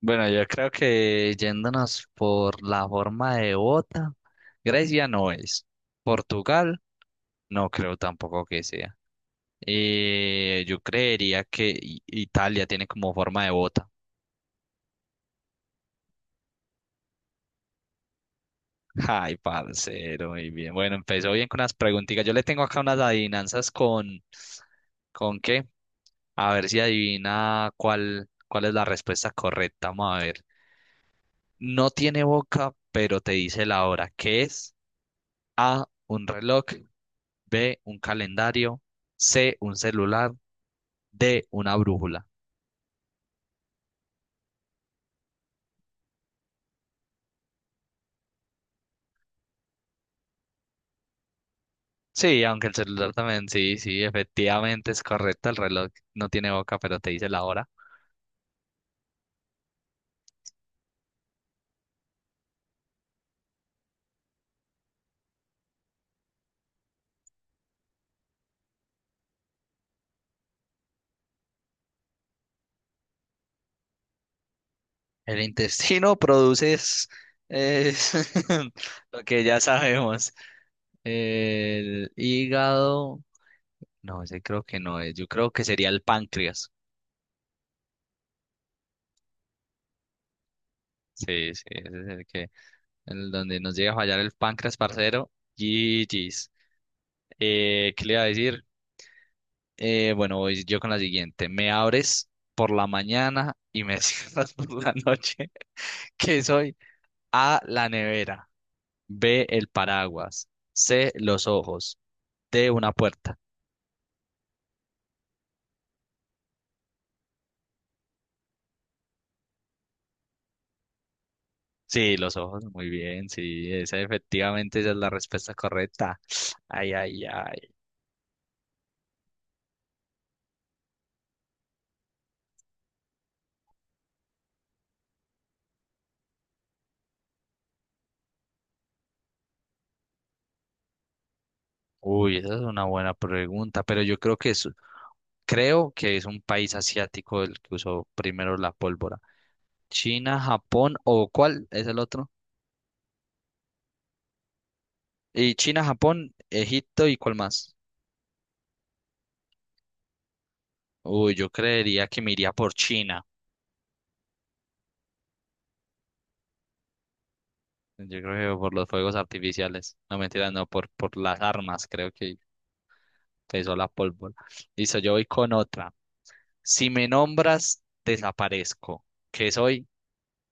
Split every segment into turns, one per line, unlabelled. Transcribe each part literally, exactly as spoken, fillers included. Bueno, yo creo que yéndonos por la forma de bota, Grecia no es. Portugal, no creo tampoco que sea. Eh, yo creería que I- Italia tiene como forma de bota. Ay, parcero, muy bien. Bueno, empezó bien con unas preguntitas. Yo le tengo acá unas adivinanzas con, ¿con qué? A ver si adivina cuál, cuál es la respuesta correcta. Vamos a ver. No tiene boca, pero te dice la hora. ¿Qué es? A, un reloj. B, un calendario, C, un celular, D, una brújula. Sí, aunque el celular también, sí, sí, efectivamente es correcto, el reloj no tiene boca, pero te dice la hora. El intestino produce es- es lo que ya sabemos. El hígado, no, ese creo que no es, yo creo que sería el páncreas. Sí, sí, ese es el que, el donde nos llega a fallar el páncreas, parcero. G G's. Eh, ¿qué le iba a decir? Eh, bueno, voy yo con la siguiente. Me abres por la mañana y me cierras por la noche. ¿Qué soy? A, la nevera. B, el paraguas. C, los ojos. D, una puerta. Sí, los ojos, muy bien, sí, esa efectivamente esa es la respuesta correcta. Ay, ay, ay. Uy, esa es una buena pregunta, pero yo creo que es, creo que es un país asiático el que usó primero la pólvora. China, Japón o ¿cuál es el otro? Y China, Japón, Egipto y ¿cuál más? Uy, yo creería que me iría por China. Yo creo que por los fuegos artificiales. No, mentira, no, por, por las armas, creo que pesó la pólvora. Listo, yo voy con otra. Si me nombras, desaparezco. ¿Qué soy?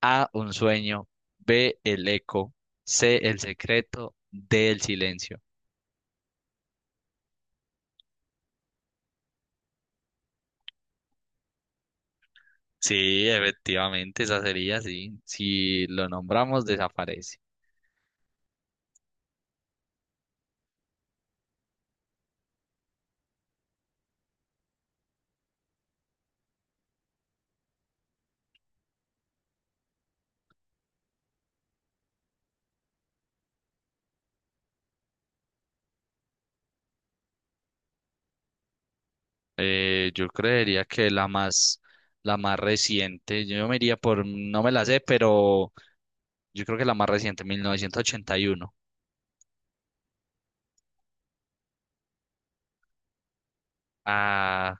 A, un sueño. B, el eco. C, el secreto. D, el silencio. Sí, efectivamente, esa sería, sí. Si lo nombramos, desaparece. Eh, yo creería que la más, la más reciente, yo me iría por, no me la sé, pero yo creo que la más reciente, mil novecientos ochenta y uno. Ah,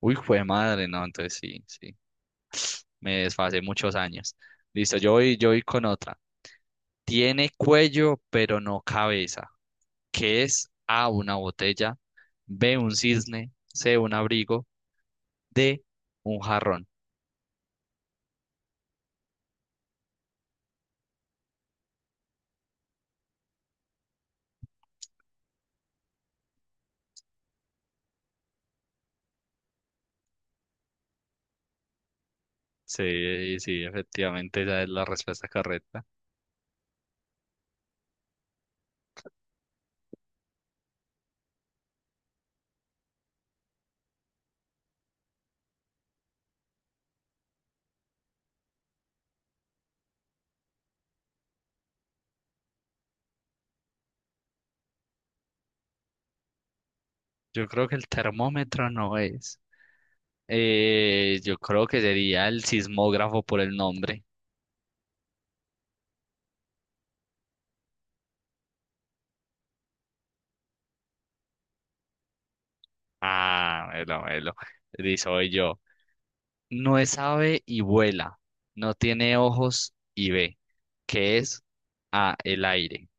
uy, fue madre, no, entonces sí, sí, me desfasé muchos años. Listo, yo voy, yo voy con otra. Tiene cuello, pero no cabeza. ¿Qué es? A, una botella, B, un cisne, C, un abrigo, D, un jarrón. Sí, sí, efectivamente, esa es la respuesta correcta. Yo creo que el termómetro no es. Eh, yo creo que sería el sismógrafo por el nombre. Ah, melo, melo. Di, soy yo. No es ave y vuela. No tiene ojos y ve. ¿Qué es? A, el aire.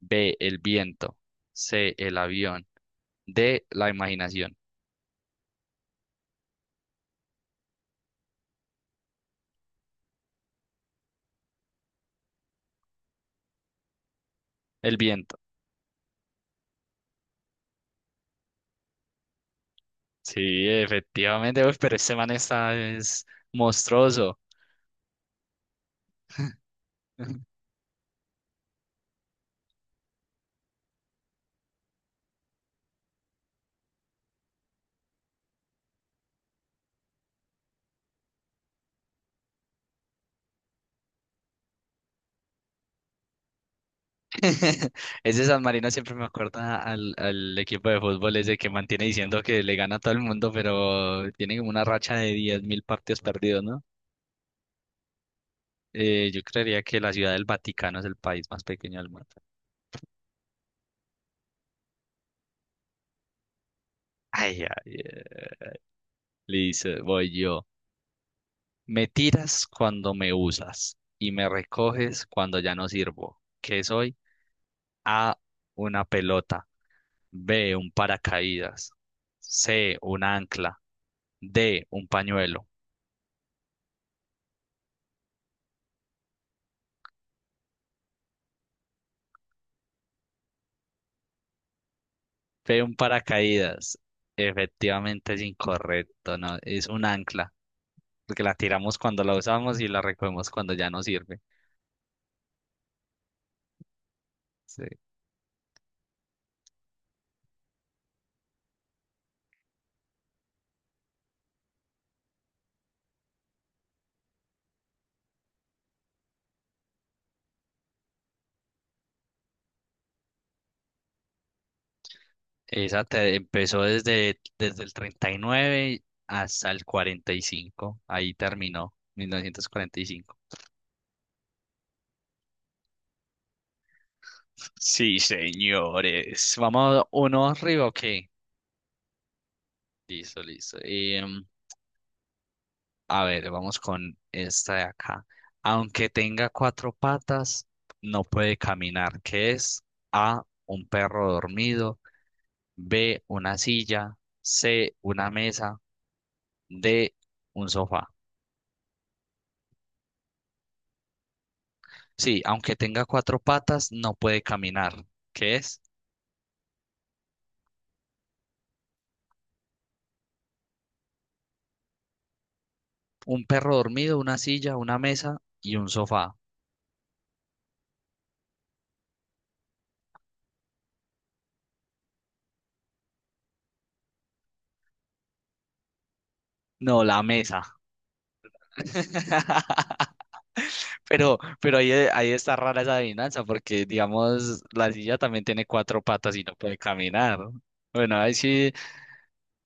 B, el viento. C, el avión. D, la imaginación. El viento. Sí, efectivamente, uy, pero este man está es monstruoso. Ese San Marino siempre me acuerda al, al equipo de fútbol ese que mantiene diciendo que le gana a todo el mundo, pero tiene como una racha de diez mil partidos perdidos, ¿no? Eh, yo creería que la ciudad del Vaticano es el país más pequeño del mundo. Ay, ay, eh. Listo, voy yo. Me tiras cuando me usas y me recoges cuando ya no sirvo. ¿Qué soy? A, una pelota. B, un paracaídas. C, un ancla. D, un pañuelo. Fue un paracaídas. Efectivamente es incorrecto, ¿no? Es un ancla, porque la tiramos cuando la usamos y la recogemos cuando ya no sirve. Sí. Esa te- empezó desde, desde el treinta y nueve hasta el cuarenta y cinco. Ahí terminó, mil novecientos cuarenta y cinco. Sí, señores. Vamos uno arriba, ok. Listo, listo. Em, A ver, vamos con esta de acá. Aunque tenga cuatro patas, no puede caminar, ¿Qué es? A, un perro dormido, B, una silla, C, una mesa, D, un sofá. Sí, aunque tenga cuatro patas, no puede caminar, ¿Qué es? Un perro dormido, una silla, una mesa y un sofá. No, la mesa. Pero, pero ahí, eh, ahí está rara esa adivinanza, porque digamos, la silla también tiene cuatro patas y no puede caminar. Bueno, ahí sí,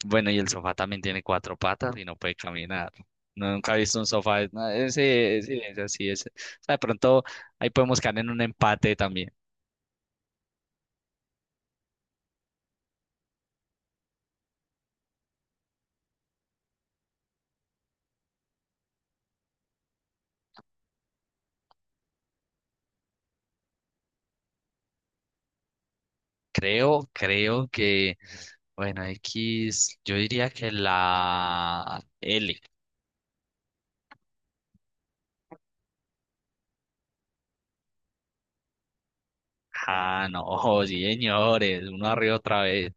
bueno, y el sofá también tiene cuatro patas y no puede caminar. No, nunca he visto un sofá. No, ese, ese, ese, sí, ese. O sea, de pronto ahí podemos caer en un empate también. Creo, creo que, bueno, X, yo diría que la L. Ah, no, señores, uno arriba otra vez.